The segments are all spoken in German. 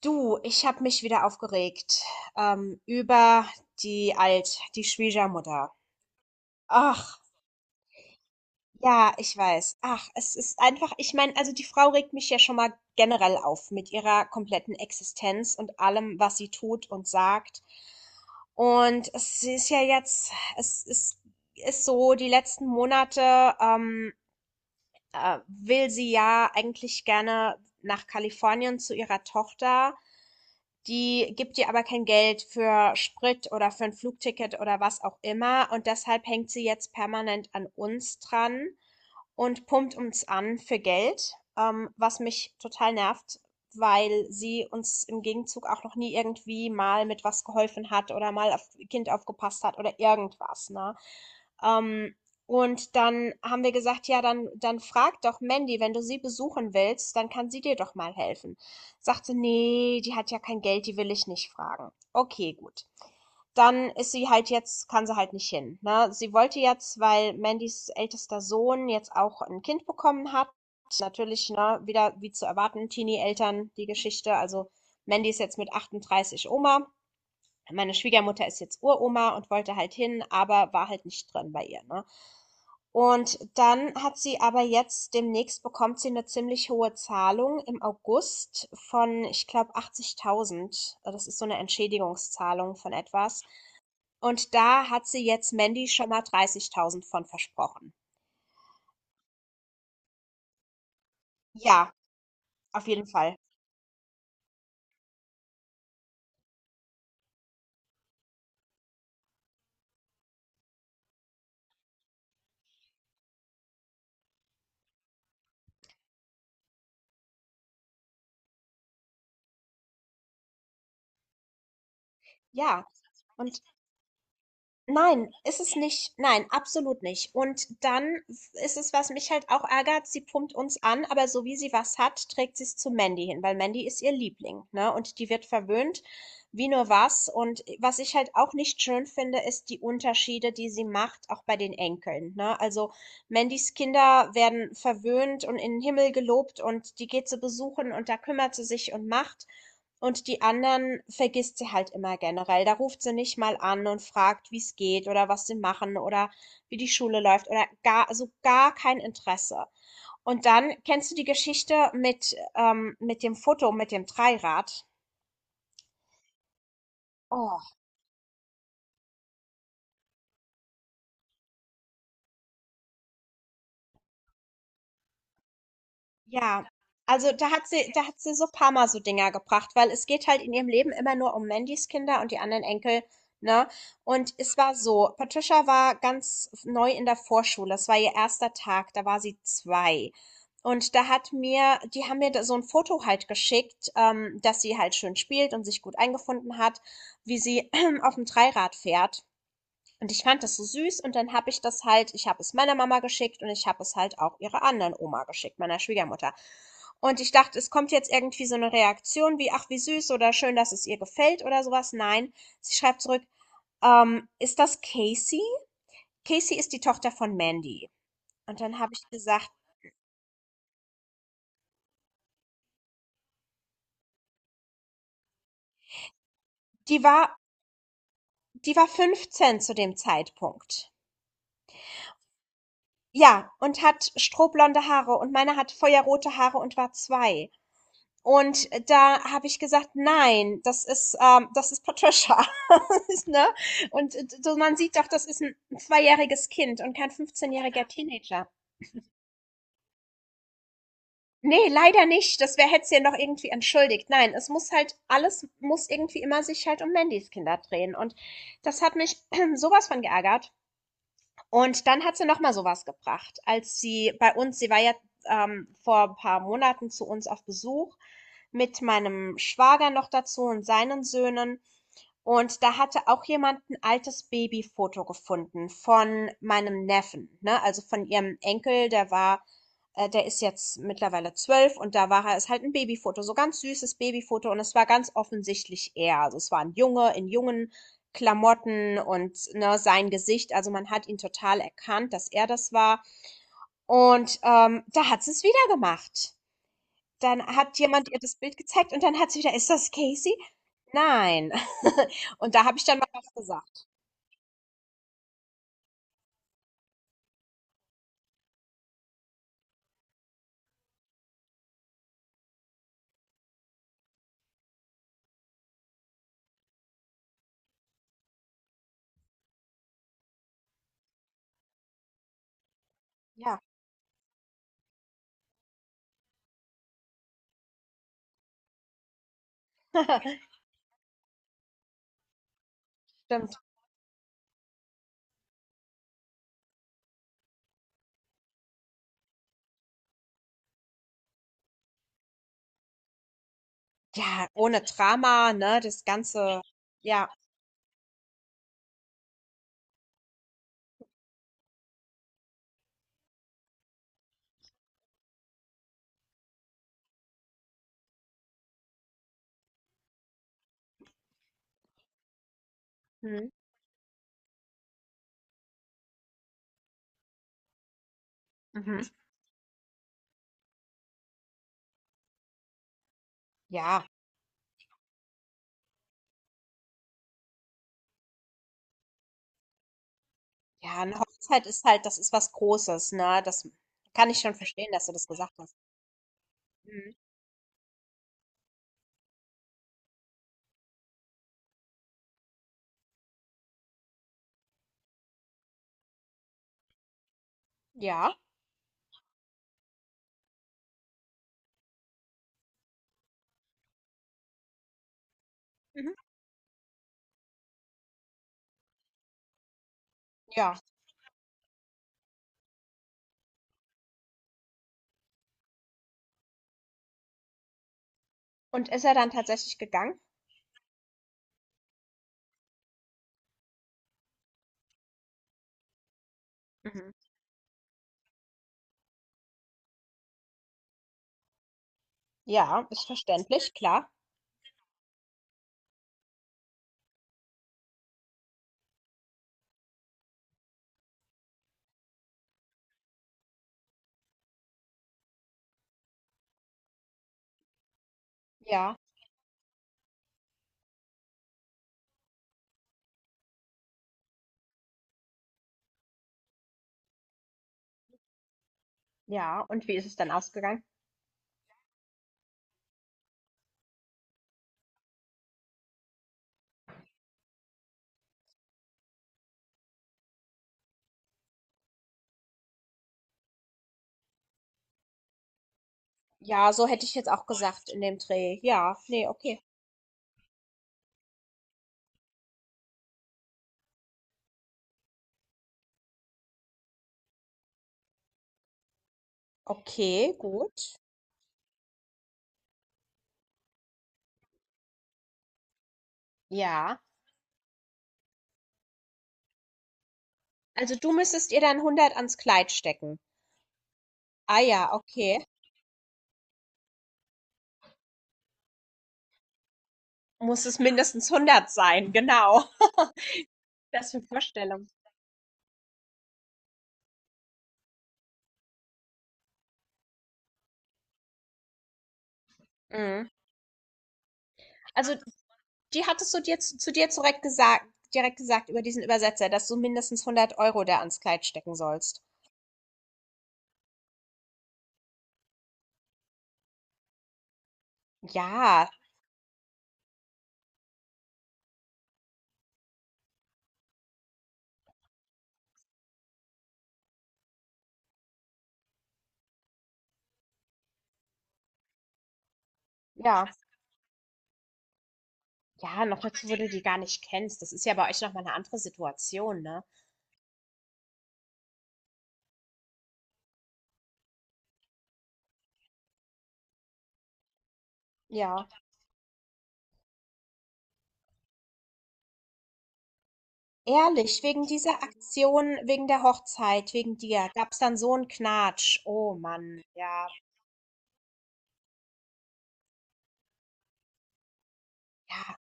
Du, ich habe mich wieder aufgeregt über die Schwiegermutter. Ach, ja, ich weiß. Ach, es ist einfach, ich meine, also die Frau regt mich ja schon mal generell auf mit ihrer kompletten Existenz und allem, was sie tut und sagt. Und es ist ja jetzt, es ist, ist so, die letzten Monate, will sie ja eigentlich gerne nach Kalifornien zu ihrer Tochter. Die gibt ihr aber kein Geld für Sprit oder für ein Flugticket oder was auch immer. Und deshalb hängt sie jetzt permanent an uns dran und pumpt uns an für Geld, was mich total nervt, weil sie uns im Gegenzug auch noch nie irgendwie mal mit was geholfen hat oder mal auf Kind aufgepasst hat oder irgendwas, ne? Ähm, und dann haben wir gesagt, ja, dann frag doch Mandy, wenn du sie besuchen willst, dann kann sie dir doch mal helfen. Sagte, nee, die hat ja kein Geld, die will ich nicht fragen. Okay, gut, dann ist sie halt jetzt, kann sie halt nicht hin. Ne? Sie wollte jetzt, weil Mandys ältester Sohn jetzt auch ein Kind bekommen hat, natürlich ne, wieder wie zu erwarten, Teenie-Eltern, die Geschichte. Also Mandy ist jetzt mit 38 Oma. Meine Schwiegermutter ist jetzt Uroma und wollte halt hin, aber war halt nicht drin bei ihr. Ne? Und dann hat sie aber jetzt demnächst bekommt sie eine ziemlich hohe Zahlung im August von, ich glaube, 80.000. Das ist so eine Entschädigungszahlung von etwas. Und da hat sie jetzt Mandy schon mal 30.000 von versprochen. Ja, auf jeden Fall. Ja. Und nein, ist es nicht. Nein, absolut nicht. Und dann ist es, was mich halt auch ärgert, sie pumpt uns an, aber so wie sie was hat, trägt sie es zu Mandy hin, weil Mandy ist ihr Liebling, ne? Und die wird verwöhnt, wie nur was. Und was ich halt auch nicht schön finde, ist die Unterschiede, die sie macht, auch bei den Enkeln, ne? Also Mandys Kinder werden verwöhnt und in den Himmel gelobt und die geht zu besuchen und da kümmert sie sich und macht. Und die anderen vergisst sie halt immer generell. Da ruft sie nicht mal an und fragt, wie's geht oder was sie machen oder wie die Schule läuft oder gar, also gar kein Interesse. Und dann kennst du die Geschichte mit dem Foto, mit dem Dreirad? Oh, ja, also da hat sie so paar Mal so Dinger gebracht, weil es geht halt in ihrem Leben immer nur um Mandys Kinder und die anderen Enkel, ne? Und es war so, Patricia war ganz neu in der Vorschule, es war ihr erster Tag, da war sie zwei. Und die haben mir da so ein Foto halt geschickt, dass sie halt schön spielt und sich gut eingefunden hat, wie sie auf dem Dreirad fährt. Und ich fand das so süß und dann habe ich habe es meiner Mama geschickt und ich habe es halt auch ihrer anderen Oma geschickt, meiner Schwiegermutter. Und ich dachte, es kommt jetzt irgendwie so eine Reaktion wie, ach, wie süß oder schön, dass es ihr gefällt oder sowas. Nein, sie schreibt zurück, ist das Casey? Casey ist die Tochter von Mandy. Und dann habe ich gesagt, die war, die war 15 zu dem Zeitpunkt. Ja, und hat strohblonde Haare und meine hat feuerrote Haare und war zwei. Und da habe ich gesagt, nein, das ist Patricia. Ne? Und so, man sieht doch, das ist ein zweijähriges Kind und kein 15-jähriger Teenager. Nee, leider nicht. Das wäre hätte sie ja noch irgendwie entschuldigt. Nein, alles muss irgendwie immer sich halt um Mandys Kinder drehen. Und das hat mich sowas von geärgert. Und dann hat sie noch mal so was gebracht, als sie bei uns sie war ja, vor ein paar Monaten zu uns auf Besuch mit meinem Schwager noch dazu und seinen Söhnen. Und da hatte auch jemand ein altes Babyfoto gefunden von meinem Neffen, ne? Also, von ihrem Enkel, der ist jetzt mittlerweile 12 und da war er ist halt ein Babyfoto, so ganz süßes Babyfoto und es war ganz offensichtlich er. Also, es war ein Junge in jungen Klamotten und, ne, sein Gesicht. Also, man hat ihn total erkannt, dass er das war. Und da hat sie es wieder gemacht. Dann hat jemand ihr das Bild gezeigt und dann hat sie wieder: „Ist das Casey?" Nein. Und da habe ich dann mal was gesagt. Ja, stimmt. Ja, ohne Drama, ne, das Ganze, ja. Mhm. Mhm. Ja, ja, eine Hochzeit ist halt, das ist was Großes, ne, das kann ich schon verstehen, dass du das gesagt hast. Mhm. Ja, mhm, ja. Und ist er dann tatsächlich gegangen? Mhm. Ja, ist verständlich, klar. Ja, ja. Und wie ist es dann ausgegangen? Ja, so hätte ich jetzt auch gesagt in dem Dreh. Ja, nee, okay. Okay, gut. Ja. Also, du müsstest ihr dann 100 ans Kleid stecken. Ah ja, okay. Muss es mindestens 100 sein, genau. Das für Vorstellung. Mhm. Also, die hattest du dir zu dir direkt gesagt über diesen Übersetzer, dass du mindestens 100 Euro da ans Kleid stecken sollst. Ja, ja, ja, noch dazu, wo du die gar nicht kennst. Das ist ja bei euch nochmal eine andere Situation, ne? Ja. Ehrlich, wegen dieser Aktion, wegen der Hochzeit, wegen dir, gab's dann so einen Knatsch. Oh Mann, ja, ja.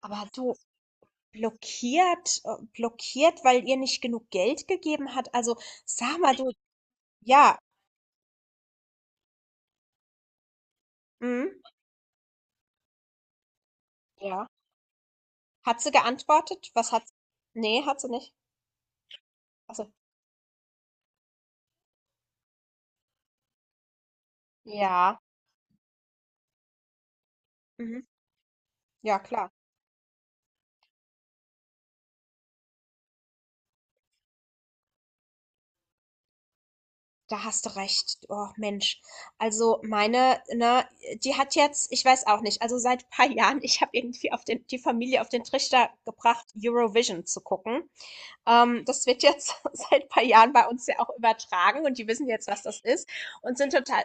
Aber du, blockiert, weil ihr nicht genug Geld gegeben hat? Also, sag mal du, ja, mhm, ja. Hat sie geantwortet? Was hat sie? Nee, hat sie nicht. Also, ja, mhm, ja, klar. Da hast du recht. Oh Mensch. Also, meine, ne, die hat jetzt ich weiß auch nicht, also seit ein paar Jahren ich habe irgendwie auf den die Familie auf den Trichter gebracht, Eurovision zu gucken. Das wird jetzt seit ein paar Jahren bei uns ja auch übertragen und die wissen jetzt, was das ist und sind total.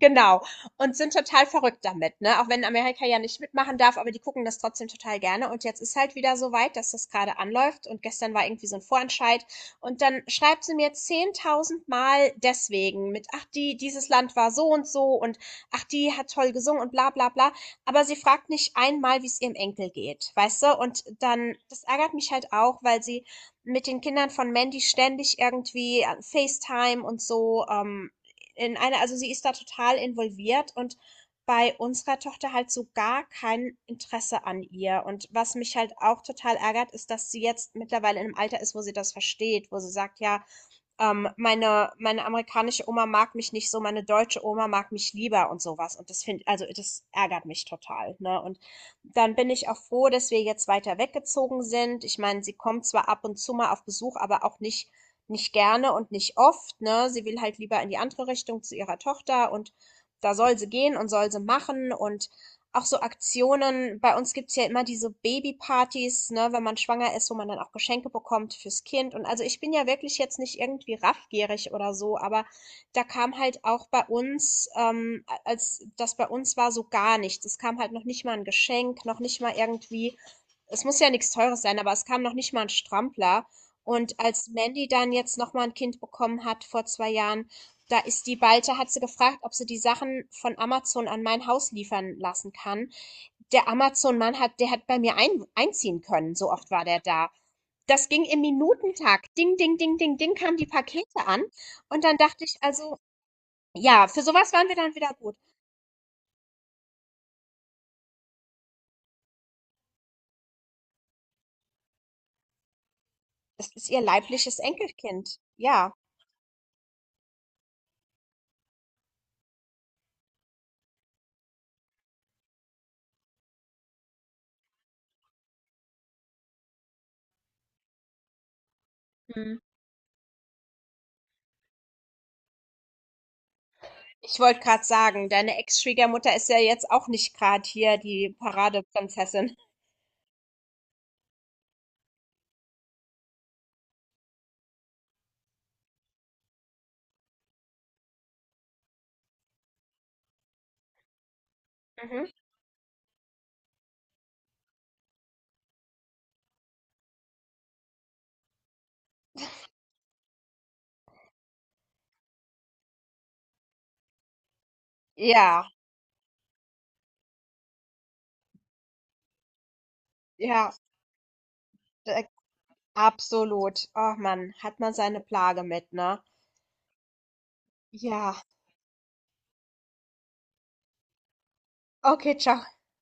Genau. Und sind total verrückt damit, ne? Auch wenn Amerika ja nicht mitmachen darf, aber die gucken das trotzdem total gerne. Und jetzt ist halt wieder so weit, dass das gerade anläuft. Und gestern war irgendwie so ein Vorentscheid. Und dann schreibt sie mir 10.000 Mal deswegen mit, ach, die, dieses Land war so und so und ach, die hat toll gesungen und bla, bla, bla. Aber sie fragt nicht einmal, wie es ihrem Enkel geht, weißt du? Und dann, das ärgert mich halt auch, weil sie mit den Kindern von Mandy ständig irgendwie an FaceTime und so also sie ist da total involviert und bei unserer Tochter halt so gar kein Interesse an ihr. Und was mich halt auch total ärgert, ist, dass sie jetzt mittlerweile in einem Alter ist, wo sie das versteht, wo sie sagt, ja, meine amerikanische Oma mag mich nicht so, meine deutsche Oma mag mich lieber und sowas. Also das ärgert mich total, ne? Und dann bin ich auch froh, dass wir jetzt weiter weggezogen sind. Ich meine, sie kommt zwar ab und zu mal auf Besuch, aber auch nicht, nicht gerne und nicht oft, ne? Sie will halt lieber in die andere Richtung zu ihrer Tochter und da soll sie gehen und soll sie machen und auch so Aktionen. Bei uns gibt's ja immer diese Babypartys, ne, wenn man schwanger ist, wo man dann auch Geschenke bekommt fürs Kind. Und also ich bin ja wirklich jetzt nicht irgendwie raffgierig oder so, aber da kam halt auch bei uns, als das bei uns war, so gar nichts. Es kam halt noch nicht mal ein Geschenk, noch nicht mal irgendwie, es muss ja nichts Teures sein, aber es kam noch nicht mal ein Strampler. Und als Mandy dann jetzt noch mal ein Kind bekommen hat vor 2 Jahren, da ist die Balte, hat sie gefragt, ob sie die Sachen von Amazon an mein Haus liefern lassen kann. Der Amazon-Mann der hat bei mir einziehen können, so oft war der da. Das ging im Minutentakt. Ding, ding, ding, ding, ding kamen die Pakete an. Und dann dachte ich also, ja, für sowas waren wir dann wieder gut. Das ist ihr leibliches Enkelkind. Ja. Hm. Ich wollte gerade sagen, deine Ex-Schwiegermutter ist ja jetzt auch nicht gerade hier die Paradeprinzessin. Mhm. Ja, ja, da absolut. Oh Mann, hat man seine Plage mit, ne? Ja. Okay, ciao.